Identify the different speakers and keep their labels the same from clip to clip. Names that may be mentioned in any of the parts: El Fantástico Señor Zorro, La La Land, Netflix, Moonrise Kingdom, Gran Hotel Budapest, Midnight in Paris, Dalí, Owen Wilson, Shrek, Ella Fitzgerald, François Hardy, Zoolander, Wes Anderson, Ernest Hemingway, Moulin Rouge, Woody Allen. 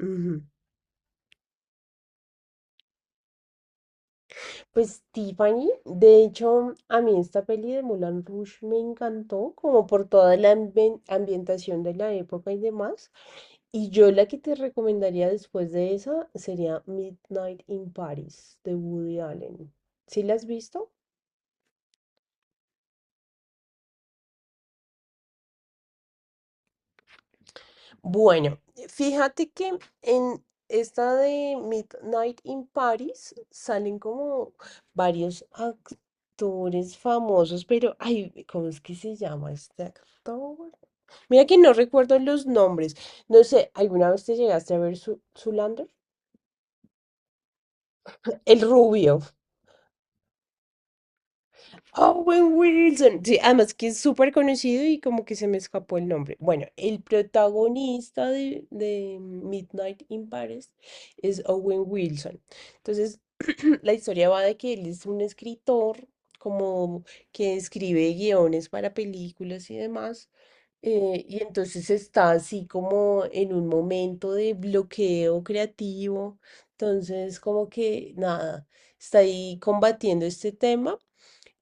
Speaker 1: Ujú. Pues Tiffany, de hecho, a mí esta peli de Moulin Rouge me encantó, como por toda la ambientación de la época y demás. Y yo la que te recomendaría después de esa sería Midnight in Paris de Woody Allen. ¿Sí la has visto? Bueno, fíjate que en esta de Midnight in Paris salen como varios actores famosos, pero ay, ¿cómo es que se llama este actor? Mira que no recuerdo los nombres. No sé, ¿alguna vez te llegaste a ver su Zoolander? El rubio. Owen Wilson. Sí, además que es súper conocido y como que se me escapó el nombre. Bueno, el protagonista de Midnight in Paris es Owen Wilson. Entonces, la historia va de que él es un escritor, como que escribe guiones para películas y demás. Y entonces está así como en un momento de bloqueo creativo. Entonces, como que nada, está ahí combatiendo este tema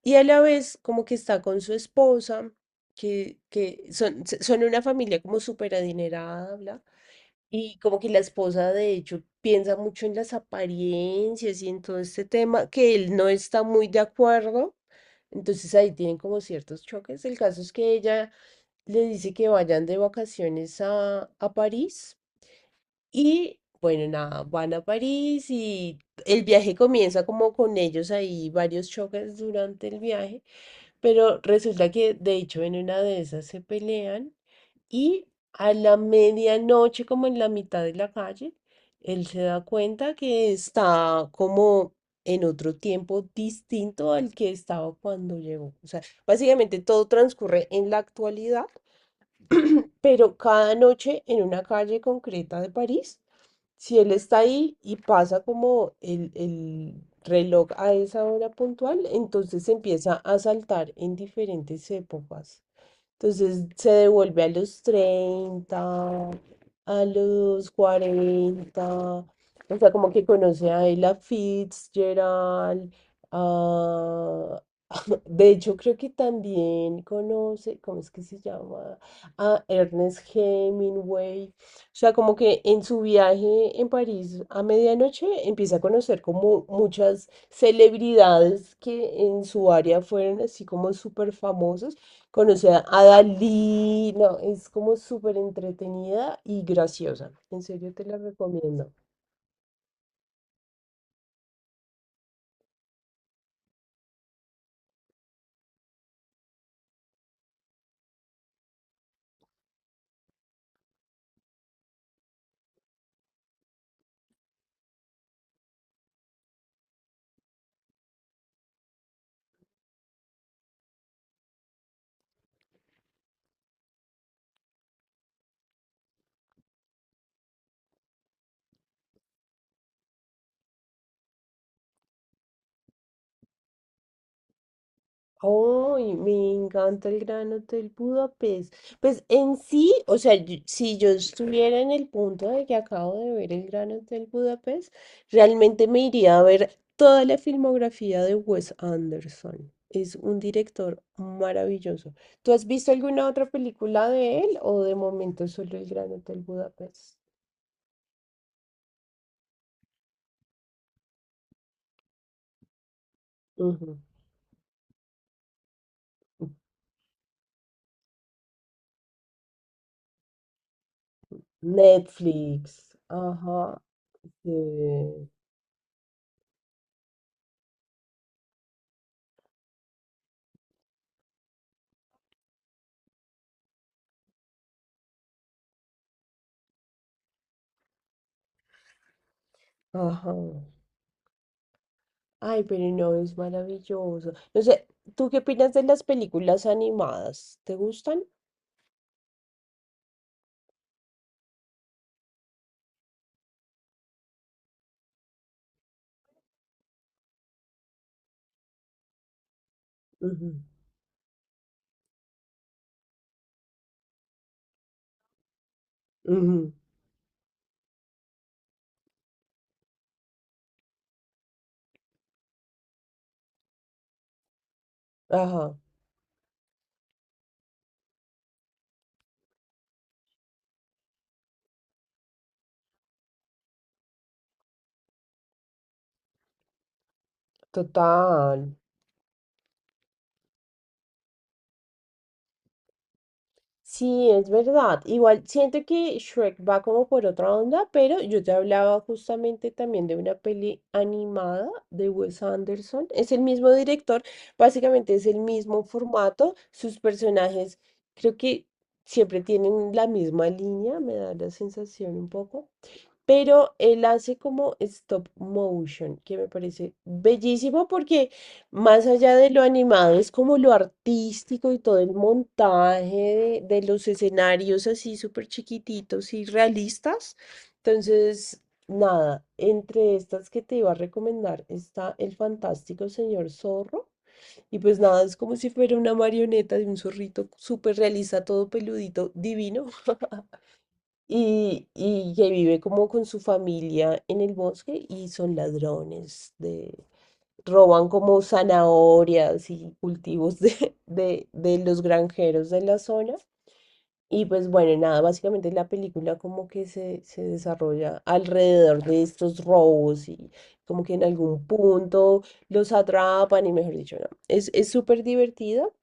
Speaker 1: y a la vez como que está con su esposa, que son una familia como súper adinerada, bla. Y como que la esposa de hecho piensa mucho en las apariencias y en todo este tema, que él no está muy de acuerdo. Entonces ahí tienen como ciertos choques. El caso es que ella le dice que vayan de vacaciones a París y bueno, nada, van a París y el viaje comienza como con ellos ahí, varios choques durante el viaje, pero resulta que de hecho en una de esas se pelean y a la medianoche, como en la mitad de la calle, él se da cuenta que está como en otro tiempo distinto al que estaba cuando llegó. O sea, básicamente todo transcurre en la actualidad, pero cada noche en una calle concreta de París, si él está ahí y pasa como el reloj a esa hora puntual, entonces empieza a saltar en diferentes épocas. Entonces se devuelve a los 30, a los 40, o sea, como que conoce a Ella Fitzgerald, a... De hecho, creo que también conoce, ¿cómo es que se llama? A Ernest Hemingway. O sea, como que en su viaje en París a medianoche empieza a conocer como muchas celebridades que en su área fueron así como súper famosas. Conoce a Dalí. No, es como súper entretenida y graciosa. En serio te la recomiendo. ¡Ay, me encanta el Gran Hotel Budapest! Pues en sí, o sea, si yo estuviera en el punto de que acabo de ver el Gran Hotel Budapest, realmente me iría a ver toda la filmografía de Wes Anderson. Es un director maravilloso. ¿Tú has visto alguna otra película de él o de momento solo el Gran Hotel Budapest? Ujú. Netflix. Ajá. Sí. Ajá. Ay, pero no, es maravilloso. No sé, ¿tú qué opinas de las películas animadas? ¿Te gustan? Ujú, ujú. Ajá, total. Sí, es verdad. Igual siento que Shrek va como por otra onda, pero yo te hablaba justamente también de una peli animada de Wes Anderson. Es el mismo director, básicamente es el mismo formato. Sus personajes creo que siempre tienen la misma línea, me da la sensación un poco. Pero él hace como stop motion, que me parece bellísimo porque más allá de lo animado, es como lo artístico y todo el montaje de los escenarios así súper chiquititos y realistas. Entonces, nada, entre estas que te iba a recomendar está El Fantástico Señor Zorro. Y pues nada, es como si fuera una marioneta de un zorrito súper realista, todo peludito, divino. Y que vive como con su familia en el bosque y son ladrones de, roban como zanahorias y cultivos de los granjeros de la zona. Y pues bueno, nada, básicamente la película como que se desarrolla alrededor de estos robos y como que en algún punto los atrapan y mejor dicho, no. Es súper divertido,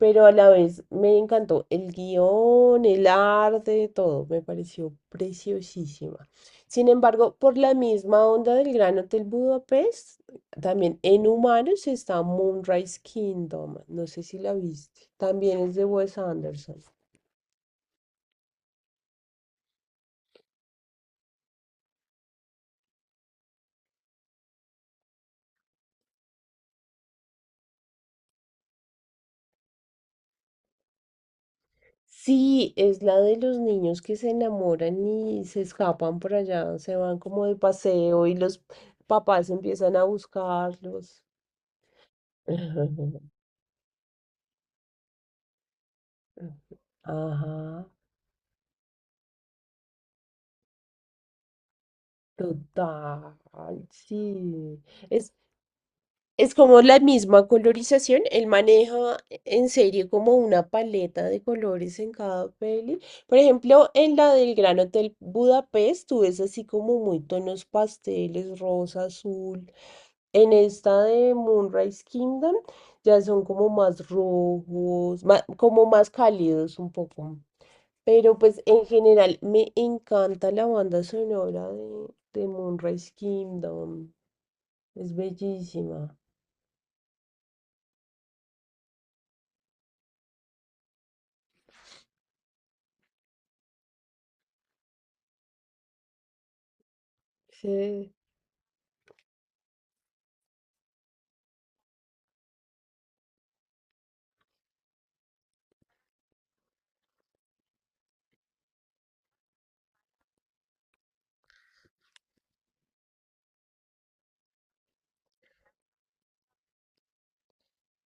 Speaker 1: pero a la vez me encantó el guión, el arte, todo, me pareció preciosísima. Sin embargo, por la misma onda del Gran Hotel Budapest, también en humanos está Moonrise Kingdom, no sé si la viste, también es de Wes Anderson. Sí, es la de los niños que se enamoran y se escapan por allá, se van como de paseo y los papás empiezan a buscarlos. Ajá, total, sí. Es. Es como la misma colorización, él maneja en serio como una paleta de colores en cada peli. Por ejemplo, en la del Gran Hotel Budapest, tú ves así como muy tonos pasteles, rosa, azul. En esta de Moonrise Kingdom ya son como más rojos, como más cálidos un poco. Pero pues en general me encanta la banda sonora de Moonrise Kingdom. Es bellísima. Sí.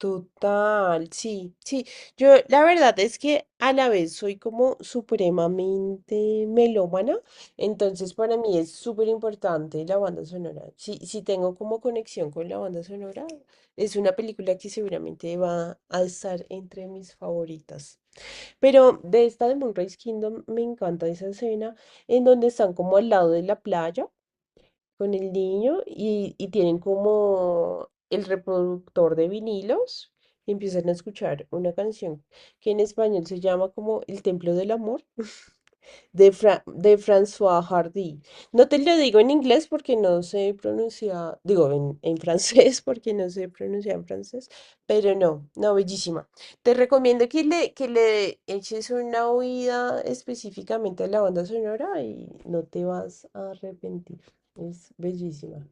Speaker 1: Total, sí, sí. Yo la verdad es que a la vez soy como supremamente melómana, entonces para mí es súper importante la banda sonora. Si tengo como conexión con la banda sonora, es una película que seguramente va a estar entre mis favoritas. Pero de esta de Moonrise Kingdom me encanta esa escena en donde están como al lado de la playa con el niño y tienen como el reproductor de vinilos y empiezan a escuchar una canción que en español se llama como El Templo del Amor de, de François Hardy. No te lo digo en inglés porque no sé pronunciar, digo en francés porque no sé pronunciar en francés, pero no, no, bellísima. Te recomiendo que que le eches una oída específicamente a la banda sonora y no te vas a arrepentir. Es bellísima.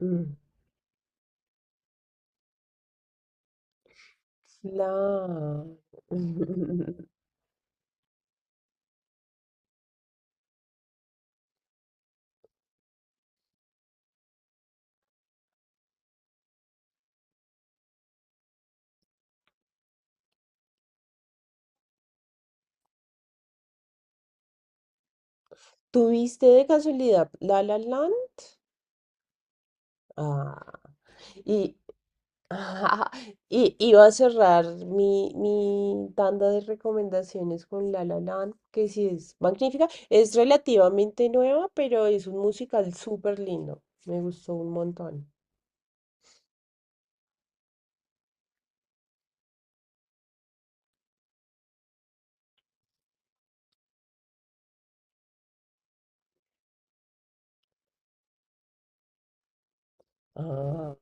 Speaker 1: Mm. Claro. ¿Tuviste de casualidad La La Land? Ah. Y ajá. Y iba a cerrar mi tanda de recomendaciones con La La Land, que sí es magnífica. Es relativamente nueva, pero es un musical súper lindo. Me gustó un montón. Ah,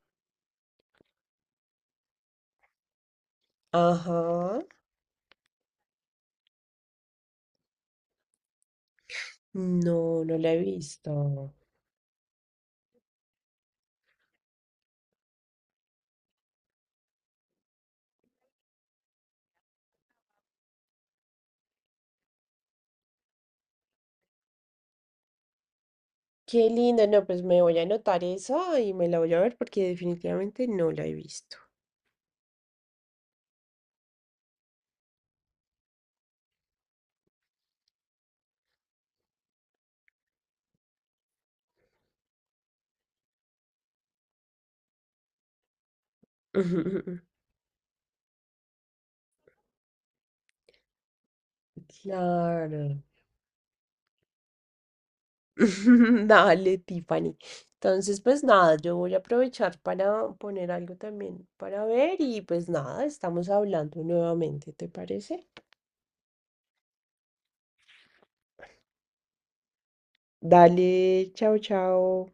Speaker 1: ajá. No, no la he visto. Qué linda. No, pues me voy a anotar esa y me la voy a ver porque definitivamente no la he visto. Claro. Dale, Tiffany. Entonces, pues nada, yo voy a aprovechar para poner algo también para ver y pues nada, estamos hablando nuevamente, ¿te parece? Dale, chao, chao.